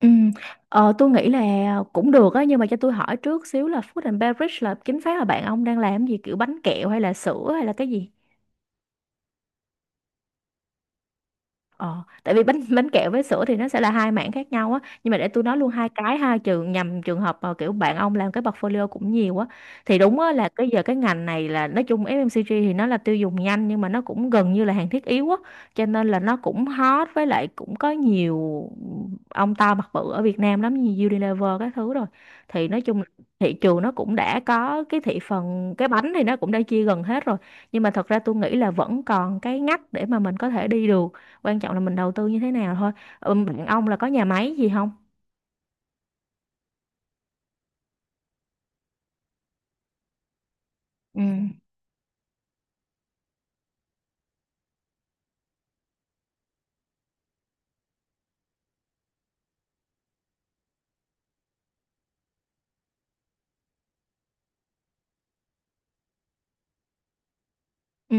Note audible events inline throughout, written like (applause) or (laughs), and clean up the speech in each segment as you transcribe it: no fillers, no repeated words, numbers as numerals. Ừ, tôi nghĩ là cũng được á, nhưng mà cho tôi hỏi trước xíu là Food and Beverage là chính xác là bạn ông đang làm gì, kiểu bánh kẹo hay là sữa hay là cái gì? Ờ, tại vì bánh bánh kẹo với sữa thì nó sẽ là hai mảng khác nhau á, nhưng mà để tôi nói luôn hai cái ha, trường nhằm trường hợp mà kiểu bạn ông làm cái portfolio cũng nhiều á, thì đúng á là cái giờ cái ngành này là nói chung FMCG thì nó là tiêu dùng nhanh nhưng mà nó cũng gần như là hàng thiết yếu á, cho nên là nó cũng hot với lại cũng có nhiều ông to mặt bự ở Việt Nam lắm, như Unilever các thứ rồi, thì nói chung là thị trường nó cũng đã có cái thị phần, cái bánh thì nó cũng đã chia gần hết rồi, nhưng mà thật ra tôi nghĩ là vẫn còn cái ngách để mà mình có thể đi được, quan trọng là mình đầu tư như thế nào thôi. Ừ, bạn ông là có nhà máy gì không? Ừ. Ừ,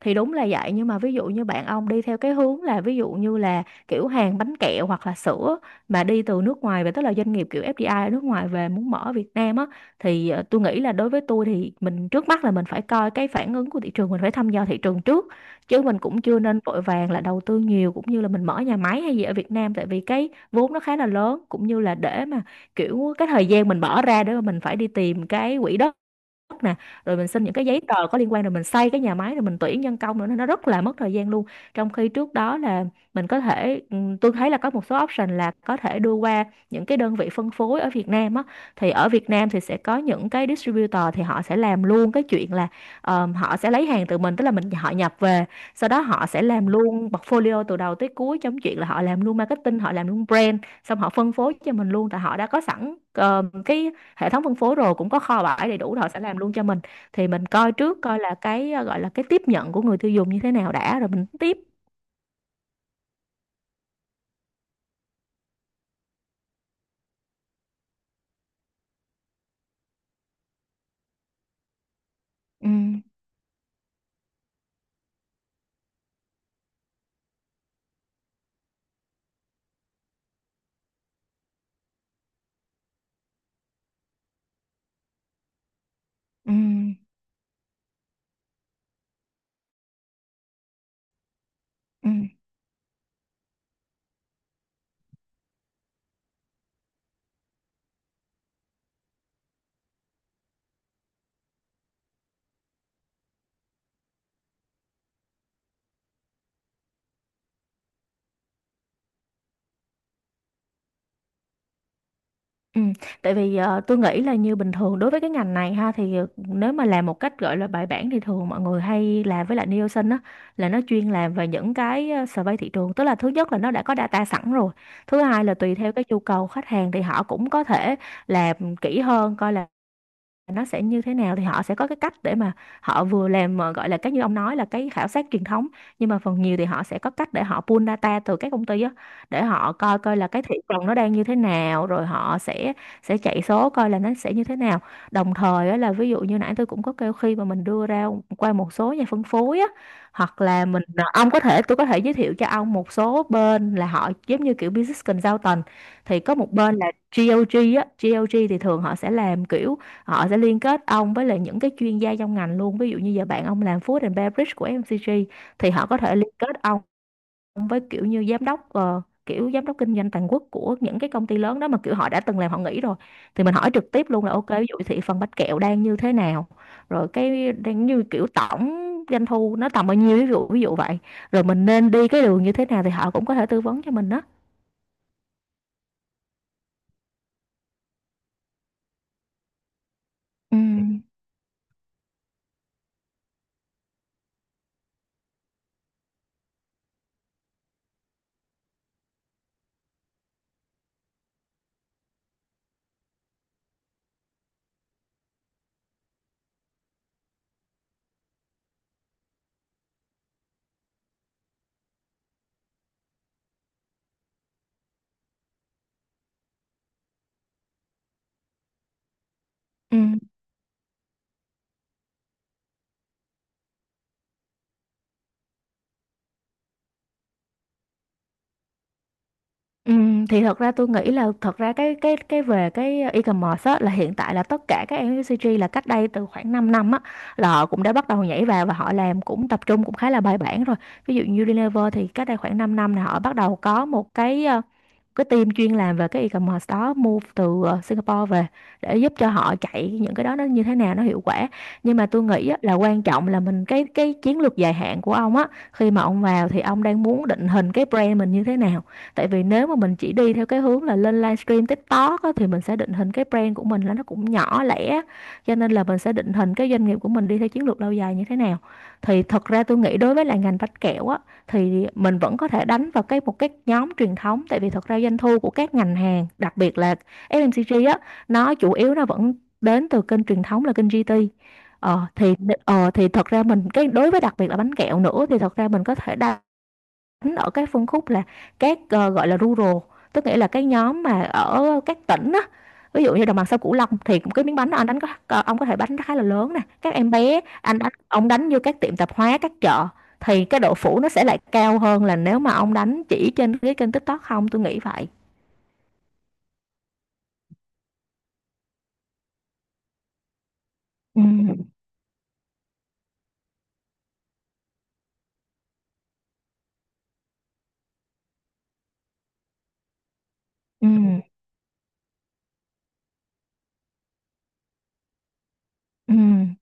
thì đúng là vậy, nhưng mà ví dụ như bạn ông đi theo cái hướng là ví dụ như là kiểu hàng bánh kẹo hoặc là sữa mà đi từ nước ngoài về, tức là doanh nghiệp kiểu FDI ở nước ngoài về muốn mở ở Việt Nam á, thì tôi nghĩ là đối với tôi thì mình trước mắt là mình phải coi cái phản ứng của thị trường, mình phải thăm dò thị trường trước, chứ mình cũng chưa nên vội vàng là đầu tư nhiều cũng như là mình mở nhà máy hay gì ở Việt Nam, tại vì cái vốn nó khá là lớn, cũng như là để mà kiểu cái thời gian mình bỏ ra để mà mình phải đi tìm cái quỹ đất nè, rồi mình xin những cái giấy tờ có liên quan, rồi mình xây cái nhà máy, rồi mình tuyển nhân công nữa, nên nó rất là mất thời gian luôn. Trong khi trước đó là mình có thể tôi thấy là có một số option là có thể đưa qua những cái đơn vị phân phối ở Việt Nam á, thì ở Việt Nam thì sẽ có những cái distributor thì họ sẽ làm luôn cái chuyện là, họ sẽ lấy hàng từ mình, tức là mình họ nhập về, sau đó họ sẽ làm luôn portfolio từ đầu tới cuối, trong chuyện là họ làm luôn marketing, họ làm luôn brand, xong họ phân phối cho mình luôn, tại họ đã có sẵn cái hệ thống phân phối rồi, cũng có kho bãi đầy đủ rồi, họ sẽ làm luôn cho mình. Thì mình coi trước coi là cái gọi là cái tiếp nhận của người tiêu dùng như thế nào đã, rồi mình tiếp. Ừ. Ừ. Ừ. Ừ. Tại vì tôi nghĩ là như bình thường đối với cái ngành này ha, thì nếu mà làm một cách gọi là bài bản thì thường mọi người hay làm với lại Nielsen á, là nó chuyên làm về những cái survey thị trường, tức là thứ nhất là nó đã có data sẵn rồi, thứ hai là tùy theo cái nhu cầu khách hàng thì họ cũng có thể làm kỹ hơn coi là nó sẽ như thế nào. Thì họ sẽ có cái cách để mà họ vừa làm mà gọi là cái như ông nói là cái khảo sát truyền thống, nhưng mà phần nhiều thì họ sẽ có cách để họ pull data từ các công ty á, để họ coi coi là cái thị trường nó đang như thế nào, rồi họ sẽ chạy số coi là nó sẽ như thế nào. Đồng thời á, là ví dụ như nãy tôi cũng có kêu, khi mà mình đưa ra qua một số nhà phân phối á, hoặc là mình ờ, ông có thể tôi có thể giới thiệu cho ông một số bên là họ giống như kiểu business consultant, thì có một bên là GOG á, GOG thì thường họ sẽ làm kiểu họ sẽ liên kết ông với lại những cái chuyên gia trong ngành luôn. Ví dụ như giờ bạn ông làm food and beverage của FMCG thì họ có thể liên kết ông với kiểu như giám đốc kiểu giám đốc kinh doanh toàn quốc của những cái công ty lớn đó, mà kiểu họ đã từng làm họ nghỉ rồi, thì mình hỏi trực tiếp luôn là ok, ví dụ thị phần bánh kẹo đang như thế nào, rồi cái đang như kiểu tổng doanh thu nó tầm bao nhiêu, ví dụ vậy, rồi mình nên đi cái đường như thế nào, thì họ cũng có thể tư vấn cho mình đó. Ừ. Ừ. Thì thật ra tôi nghĩ là thật ra cái về cái e-commerce á, là hiện tại là tất cả các FMCG là cách đây từ khoảng 5 năm á, là họ cũng đã bắt đầu nhảy vào và họ làm cũng tập trung cũng khá là bài bản rồi. Ví dụ như Unilever thì cách đây khoảng 5 năm là họ bắt đầu có một cái cái team chuyên làm về cái e-commerce đó, move từ Singapore về để giúp cho họ chạy những cái đó nó như thế nào nó hiệu quả. Nhưng mà tôi nghĩ á, là quan trọng là mình cái chiến lược dài hạn của ông á, khi mà ông vào thì ông đang muốn định hình cái brand mình như thế nào. Tại vì nếu mà mình chỉ đi theo cái hướng là lên livestream TikTok á, thì mình sẽ định hình cái brand của mình là nó cũng nhỏ lẻ, cho nên là mình sẽ định hình cái doanh nghiệp của mình đi theo chiến lược lâu dài như thế nào. Thì thật ra tôi nghĩ đối với lại ngành bánh kẹo á, thì mình vẫn có thể đánh vào cái một cái nhóm truyền thống, tại vì thật ra doanh thu của các ngành hàng, đặc biệt là FMCG á, nó chủ yếu nó vẫn đến từ kênh truyền thống, là kênh GT. Ờ thì ờ thì thật ra mình cái đối với đặc biệt là bánh kẹo nữa thì thật ra mình có thể đánh ở cái phân khúc là các, gọi là rural, tức nghĩa là cái nhóm mà ở các tỉnh á. Ví dụ như đồng bằng sông Cửu Long thì cái miếng bánh đó anh đánh có, ông có thể đánh khá là lớn nè, các em bé anh đánh, ông đánh vô các tiệm tạp hóa, các chợ, thì cái độ phủ nó sẽ lại cao hơn là nếu mà ông đánh chỉ trên cái kênh TikTok không, tôi nghĩ vậy. Ừm, ừm, ừm.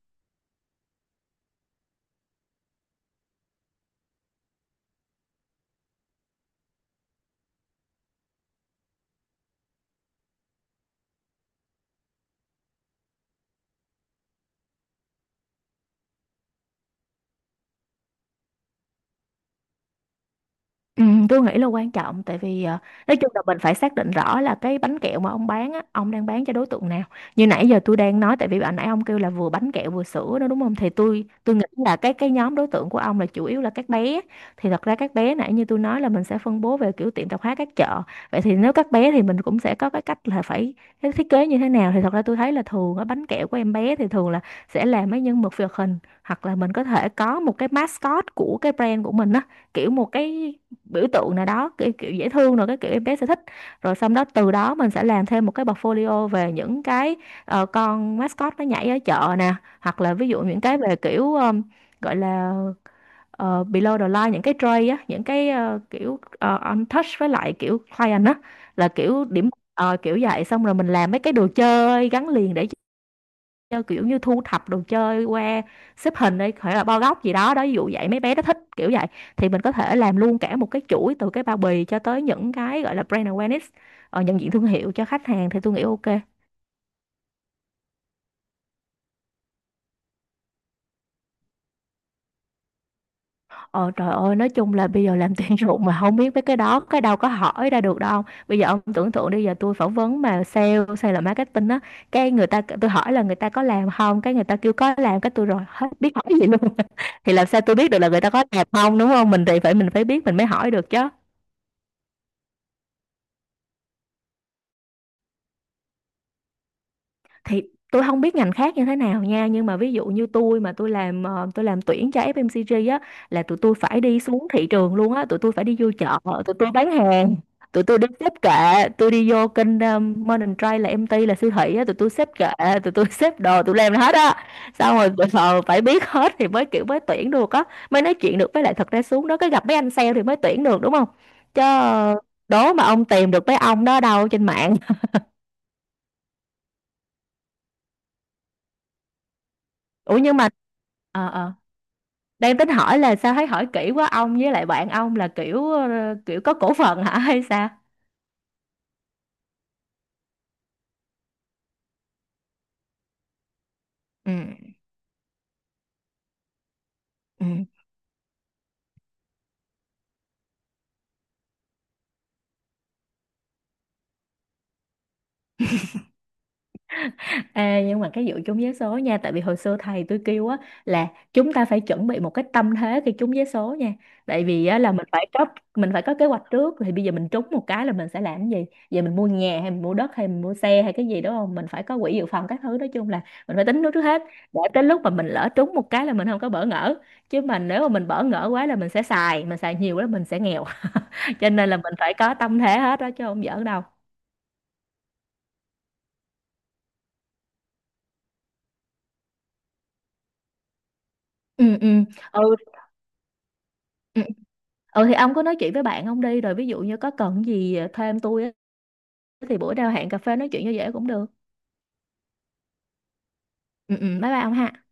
Ừ, tôi nghĩ là quan trọng, tại vì nói chung là mình phải xác định rõ là cái bánh kẹo mà ông bán á, ông đang bán cho đối tượng nào. Như nãy giờ tôi đang nói, tại vì bạn nãy ông kêu là vừa bánh kẹo vừa sữa đó, đúng không? Thì tôi nghĩ là cái nhóm đối tượng của ông là chủ yếu là các bé. Thì thật ra các bé, nãy như tôi nói, là mình sẽ phân bố về kiểu tiệm tạp hóa, các chợ. Vậy thì nếu các bé thì mình cũng sẽ có cái cách là phải cái thiết kế như thế nào. Thì thật ra tôi thấy là thường ở bánh kẹo của em bé thì thường là sẽ làm mấy nhân vật hoạt hình, hoặc là mình có thể có một cái mascot của cái brand của mình á, kiểu một cái biểu tượng nào đó, cái kiểu dễ thương, rồi cái kiểu em bé sẽ thích. Rồi xong đó từ đó mình sẽ làm thêm một cái portfolio về những cái con mascot nó nhảy ở chợ nè, hoặc là ví dụ những cái về kiểu gọi là below the line, những cái tray á, những cái on touch với lại kiểu client á, là kiểu điểm, kiểu vậy. Xong rồi mình làm mấy cái đồ chơi gắn liền để chơi, kiểu như thu thập đồ chơi qua xếp hình đi, phải là bo góc gì đó đó, ví dụ vậy, mấy bé nó thích kiểu vậy. Thì mình có thể làm luôn cả một cái chuỗi từ cái bao bì cho tới những cái gọi là brand awareness, nhận diện thương hiệu cho khách hàng, thì tôi nghĩ ok. Ờ trời ơi, nói chung là bây giờ làm tuyển dụng (laughs) mà không biết mấy cái đó cái đâu có hỏi ra được, đâu bây giờ ông tưởng tượng đi, giờ tôi phỏng vấn mà sale sale là marketing á, cái người ta, tôi hỏi là người ta có làm không, cái người ta kêu có làm, cái tôi rồi hết biết hỏi gì luôn (laughs) thì làm sao tôi biết được là người ta có làm không, đúng không, mình thì phải mình phải biết mình mới hỏi được chứ. Thì tôi không biết ngành khác như thế nào nha, nhưng mà ví dụ như tôi, mà tôi làm tôi làm tuyển cho FMCG á, là tụi tôi phải đi xuống thị trường luôn á, tụi tôi phải đi vô chợ, tụi tôi bán hàng, tụi tôi đi xếp kệ, tôi đi vô kênh Modern Trade là em MT là siêu thị á, tụi tôi xếp kệ, tụi tôi xếp đồ, tụi làm hết á. Xong rồi phải biết hết thì mới kiểu mới tuyển được á, mới nói chuyện được, với lại thật ra xuống đó cái gặp mấy anh sale thì mới tuyển được, đúng không, chứ đố mà ông tìm được mấy ông đó đâu trên mạng. (laughs) Ủa nhưng mà ờ ờ đang tính hỏi là sao thấy hỏi kỹ quá, ông với lại bạn ông là kiểu kiểu có cổ phần hả hay sao? Ừ. Ừ. Ê, nhưng mà cái vụ trúng vé số nha, tại vì hồi xưa thầy tôi kêu á, là chúng ta phải chuẩn bị một cái tâm thế khi trúng vé số nha. Tại vì á, là mình phải có kế hoạch trước, thì bây giờ mình trúng một cái là mình sẽ làm cái gì, giờ mình mua nhà hay mình mua đất hay mình mua xe hay cái gì, đúng không, mình phải có quỹ dự phòng các thứ, nói chung là mình phải tính trước trước hết, để tới lúc mà mình lỡ trúng một cái là mình không có bỡ ngỡ. Chứ mà nếu mà mình bỡ ngỡ quá là mình sẽ xài nhiều quá là mình sẽ nghèo, cho nên là mình phải có tâm thế hết đó, chứ không giỡn đâu. Ừ. Ừ. Ừ. Ừ. Ừ, thì ông cứ nói chuyện với bạn ông đi, rồi ví dụ như có cần gì thêm tôi á, thì bữa nào hẹn cà phê nói chuyện cho dễ cũng được. Ừ, ừ, bye bye ông ha.